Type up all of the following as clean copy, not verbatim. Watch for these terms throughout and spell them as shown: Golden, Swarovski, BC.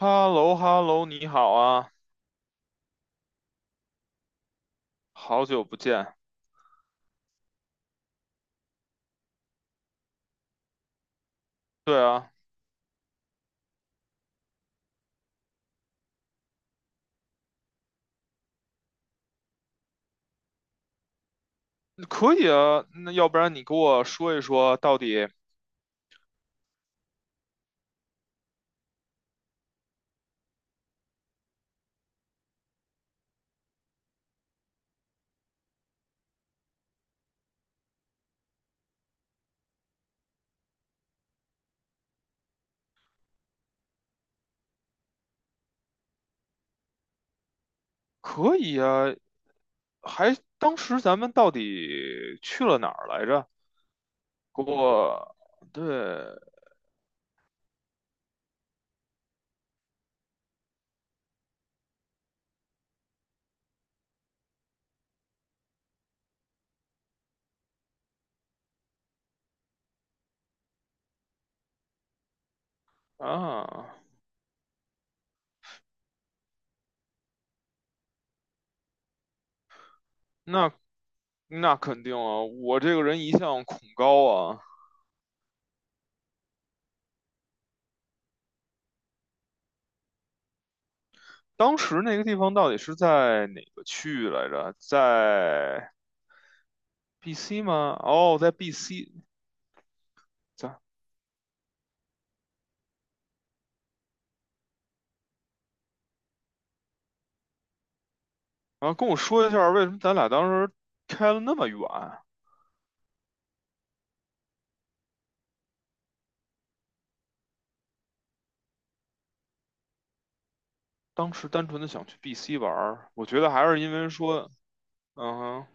h e l l o h e l l o 你好啊，好久不见。对啊，可以啊，那要不然你给我说一说，到底可以啊？还当时咱们到底去了哪儿来着？给我，对啊，那那肯定啊，我这个人一向恐高啊。当时那个地方到底是在哪个区域来着？在 BC 吗？哦，在 BC。然后跟我说一下为什么咱俩当时开了那么远。当时单纯的想去 BC 玩儿，我觉得还是因为说，嗯哼，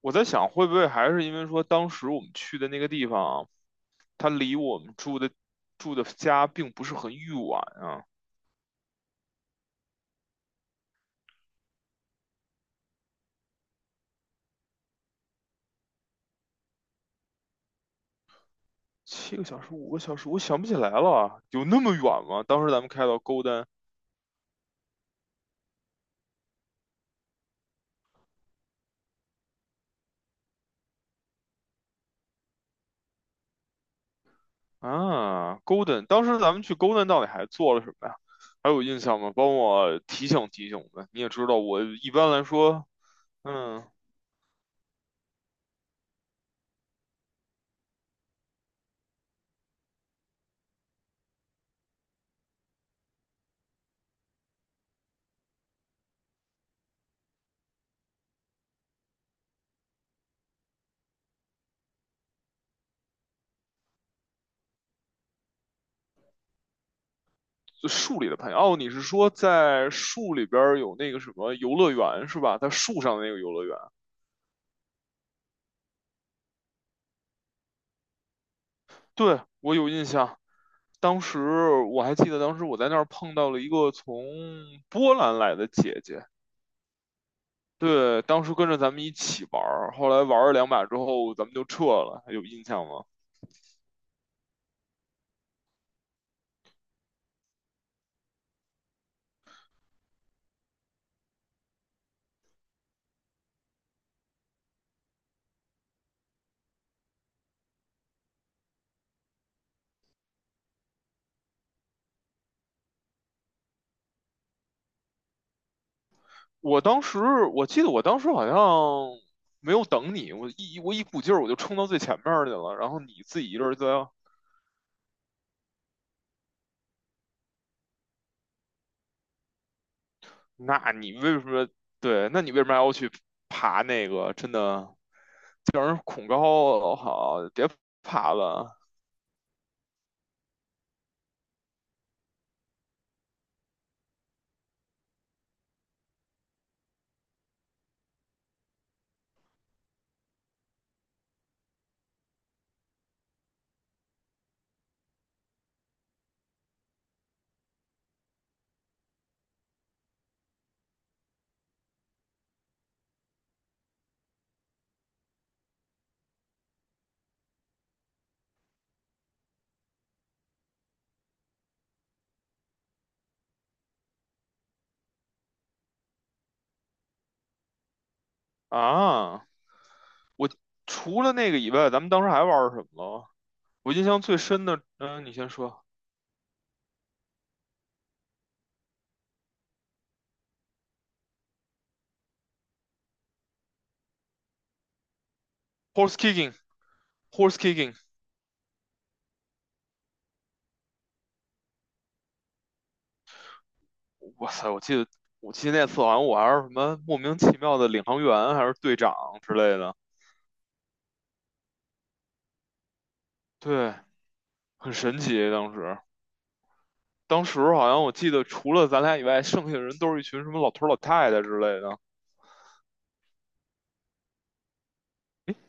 我在想会不会还是因为说当时我们去的那个地方，它离我们住的家并不是很远啊，七个小时、五个小时，我想不起来了，有那么远吗？当时咱们开到 Golden 啊，Golden，当时咱们去 Golden 到底还做了什么呀？还有印象吗？帮我提醒提醒呗。你也知道，我一般来说，嗯。就树里的朋友哦，你是说在树里边有那个什么游乐园是吧？在树上的那个游乐园，对，我有印象。当时我还记得，当时我在那儿碰到了一个从波兰来的姐姐，对，当时跟着咱们一起玩儿，后来玩了两把之后，咱们就撤了，还有印象吗？我当时我记得我当时好像没有等你，我一股劲儿我就冲到最前面儿去了，然后你自己一个人在那你为什么对？那你为什么还要去爬那个？真的叫人恐高，好，别爬了啊！我除了那个以外，咱们当时还玩儿什么了？我印象最深的，嗯，你先说，horse kicking，horse kicking，哇塞，我记得那次好像我还是什么莫名其妙的领航员还是队长之类的，对，很神奇当时。当时好像我记得，除了咱俩以外，剩下的人都是一群什么老头儿老太太之类的。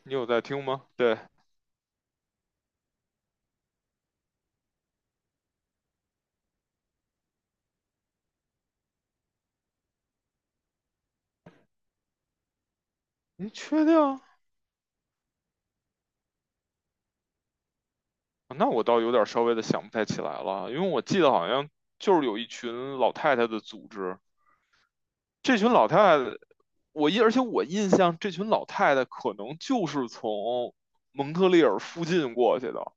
你有在听吗？对，你确定？哦那我倒有点稍微的想不太起来了，因为我记得好像就是有一群老太太的组织，这群老太太，我印，而且我印象这群老太太可能就是从蒙特利尔附近过去的，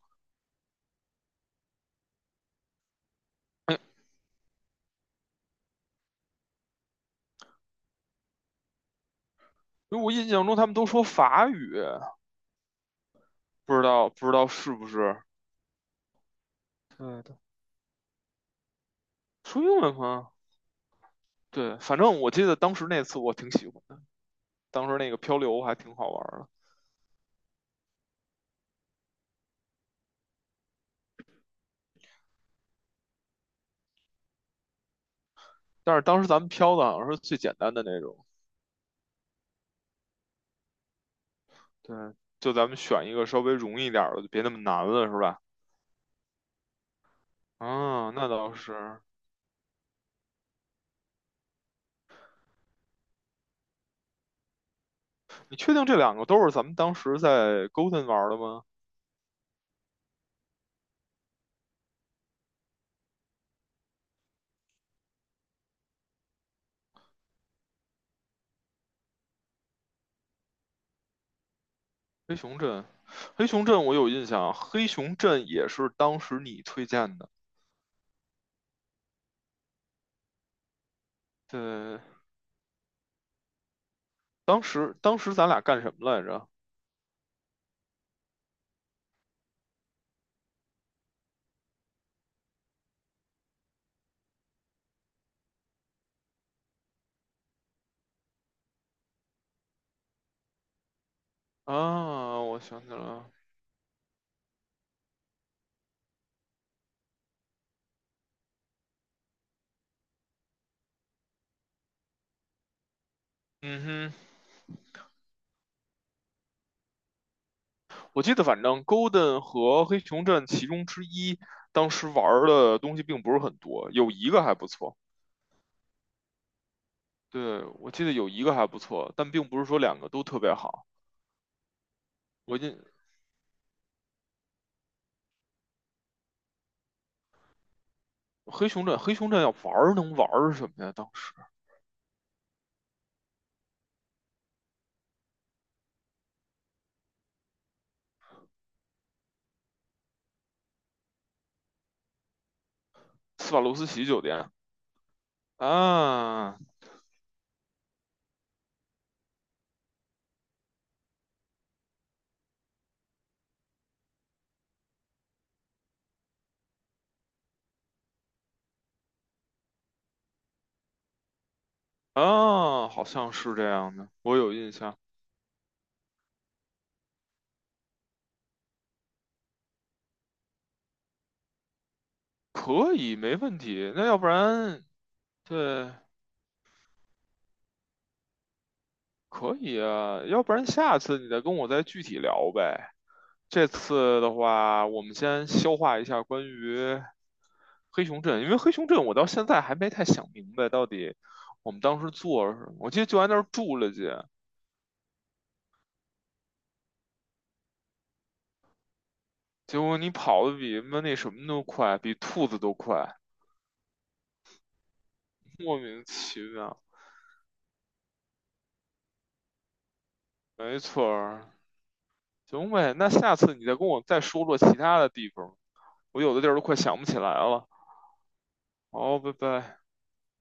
因为我印象中他们都说法语，不知道是不是对的，说英文吗？对，反正我记得当时那次我挺喜欢的，当时那个漂流还挺好玩的，但是当时咱们漂的好像是最简单的那种，对，就咱们选一个稍微容易点儿的，就别那么难了，是吧？啊，那倒是。你确定这两个都是咱们当时在 Golden 玩的吗？黑熊镇，黑熊镇我有印象，黑熊镇也是当时你推荐的。对，当时咱俩干什么来着？啊，我想起来了。嗯哼，我记得反正 Golden 和黑熊镇其中之一，当时玩儿的东西并不是很多，有一个还不错。对，我记得有一个还不错，但并不是说两个都特别好。我已经黑熊镇，黑熊镇要玩儿能玩儿什么呀？当时斯瓦罗斯奇酒店啊啊，好像是这样的，我有印象。可以，没问题。那要不然，对，可以啊。要不然下次你再跟我再具体聊呗。这次的话，我们先消化一下关于黑熊镇，因为黑熊镇我到现在还没太想明白到底我们当时做了什么。我记得就在那儿住了去，结果你跑的比妈那什么都快，比兔子都快，莫名其妙。没错儿，行呗，那下次你再跟我再说说其他的地方，我有的地儿都快想不起来了。好，拜拜。